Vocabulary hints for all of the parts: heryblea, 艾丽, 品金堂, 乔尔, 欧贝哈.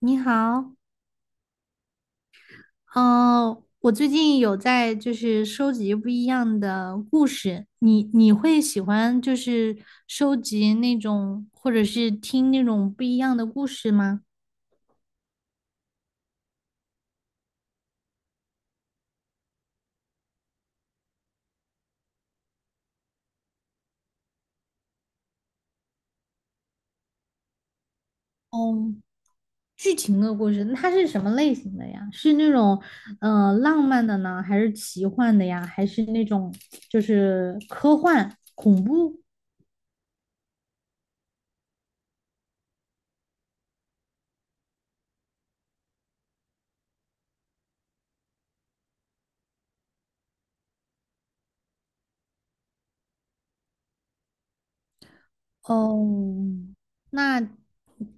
你好，嗯、我最近有在就是收集不一样的故事，你会喜欢就是收集那种或者是听那种不一样的故事吗？嗯，剧情的故事，那它是什么类型的呀？是那种浪漫的呢，还是奇幻的呀？还是那种就是科幻恐怖？哦，那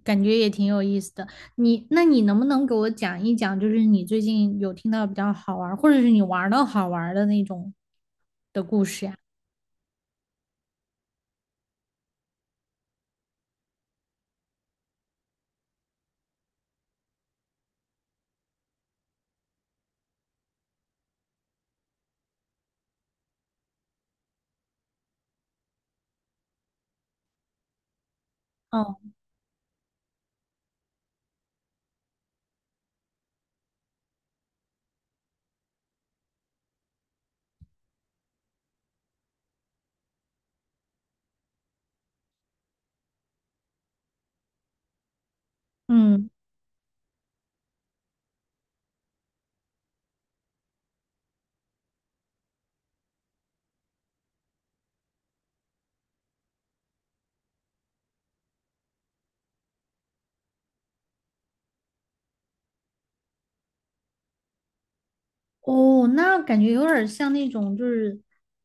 感觉也挺有意思的。那你能不能给我讲一讲，就是你最近有听到比较好玩儿，或者是你玩的好玩儿的那种的故事呀？哦，嗯，哦，那感觉有点儿像那种就是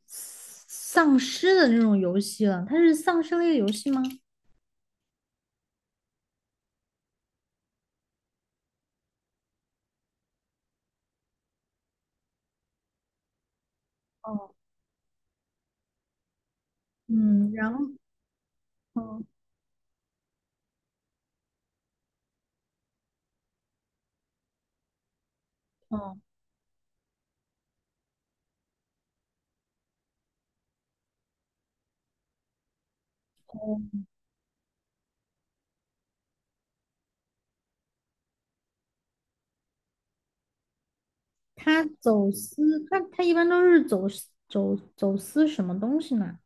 丧尸的那种游戏了。它是丧尸类游戏吗？哦，嗯，然后，嗯哦，哦，它走私，它一般都是走私什么东西呢？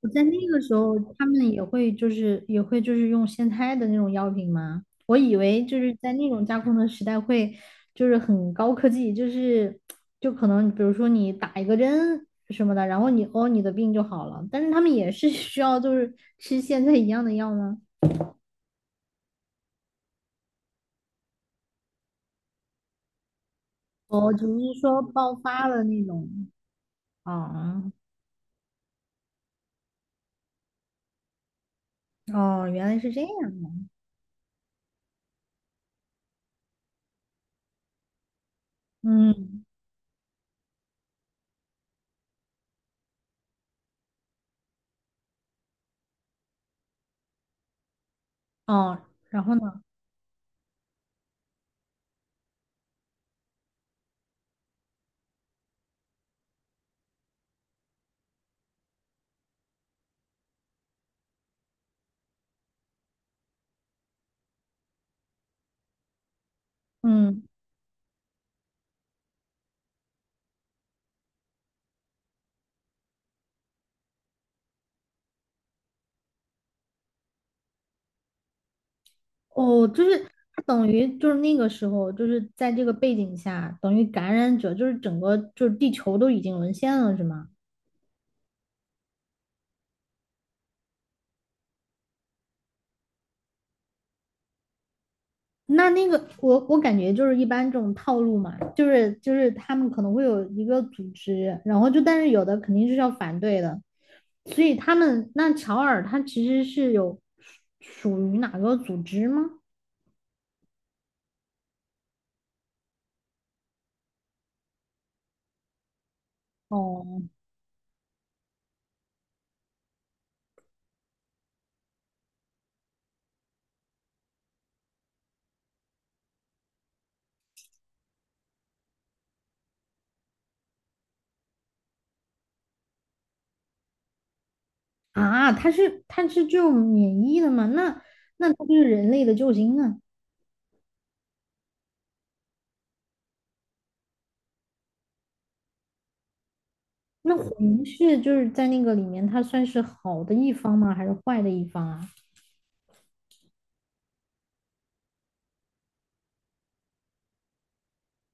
我在那个时候，他们也会就是用现开的那种药品吗？我以为就是在那种架空的时代会就是很高科技，就可能比如说你打一个针什么的，然后你的病就好了，但是他们也是 需要就是吃现在一样的药呢，哦，只是说爆发了那种，哦哦原来是这样的，嗯哦，然后呢，嗯。哦，就是他等于就是那个时候，就是在这个背景下，等于感染者就是整个就是地球都已经沦陷了，是吗？那个我感觉就是一般这种套路嘛，就是他们可能会有一个组织，然后就但是有的肯定是要反对的，所以他们那乔尔他其实是有属于哪个组织吗？哦啊，他是这种免疫的吗？那他就是人类的救星啊！那混是就是在那个里面，他算是好的一方吗？还是坏的一方啊？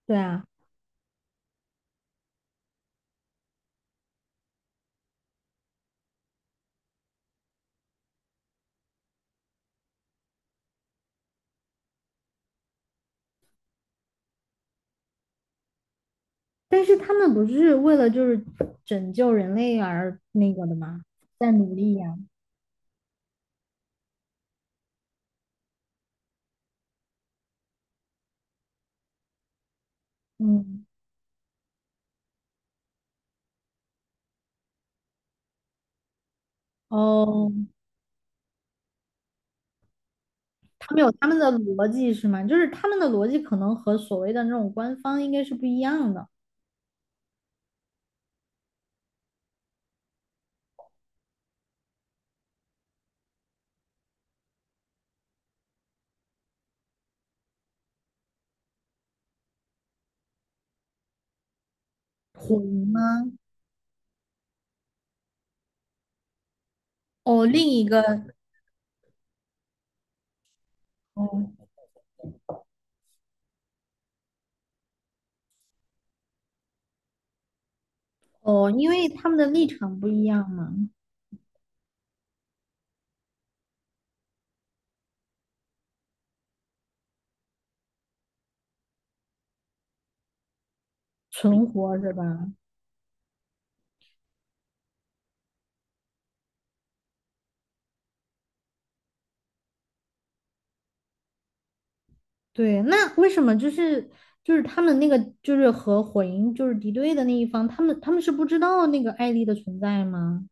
对啊，但是他们不是为了就是拯救人类而那个的吗？在努力呀、嗯，哦，他们有他们的逻辑是吗？就是他们的逻辑可能和所谓的那种官方应该是不一样的。混吗？哦，另一个，哦哦，因为他们的立场不一样嘛，存活是吧？对，那为什么就是他们那个就是和火影就是敌对的那一方，他们是不知道那个艾丽的存在吗？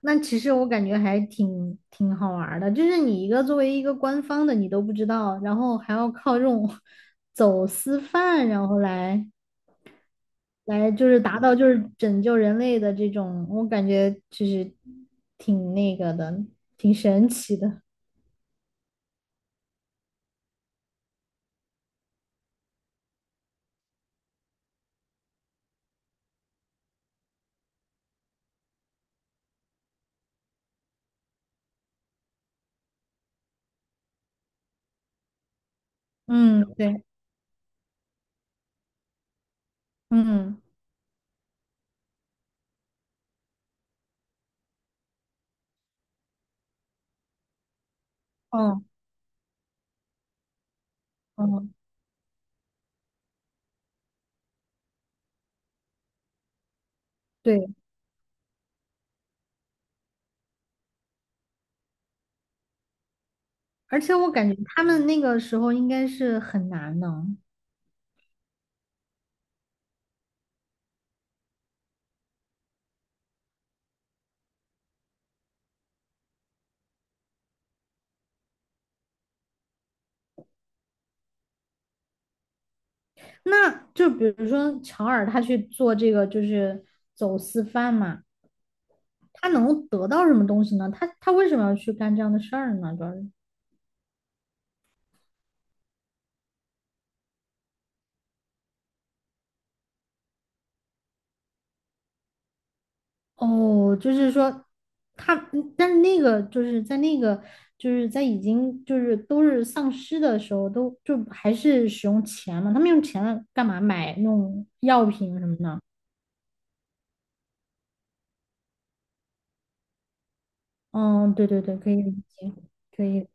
那其实我感觉还挺好玩儿的，就是你一个作为一个官方的你都不知道，然后还要靠这种 走私贩，然后来就是达到就是拯救人类的这种，我感觉就是挺那个的，挺神奇的。嗯，对，嗯，哦，哦。对。而且我感觉他们那个时候应该是很难呢。那就比如说乔尔他去做这个就是走私贩嘛，他能得到什么东西呢？他为什么要去干这样的事儿呢？主要是哦，就是说他，但是那个就是在那个就是在已经就是都是丧尸的时候，都就还是使用钱嘛，他们用钱干嘛买那种药品什么的？嗯，对对对，可以理解，可以。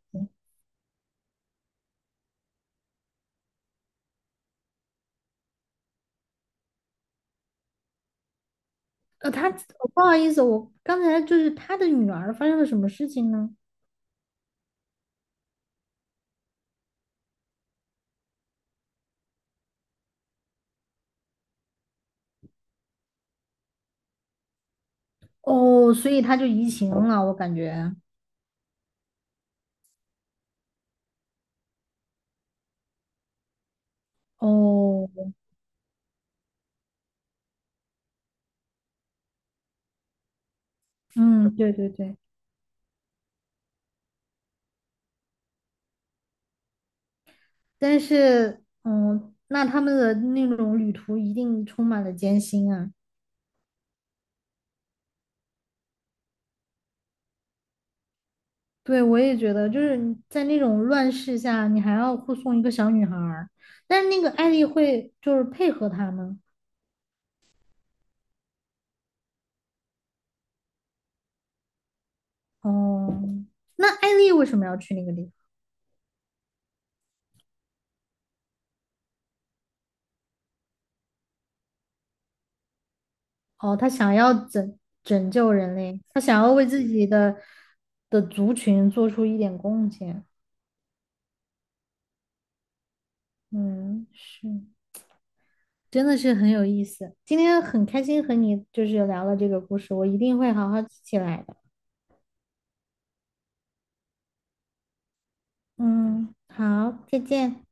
他不好意思，我刚才就是他的女儿发生了什么事情呢？哦，所以他就移情了，我感觉。哦，嗯，对对对，但是，那他们的那种旅途一定充满了艰辛啊。对，我也觉得，就是你在那种乱世下，你还要护送一个小女孩儿，但是那个艾丽会就是配合他们。哦，那艾丽为什么要去那个地方？哦，他想要拯救人类，他想要为自己的族群做出一点贡献。嗯，是，真的是很有意思。今天很开心和你就是聊了这个故事，我一定会好好记起来的。嗯，好，再见。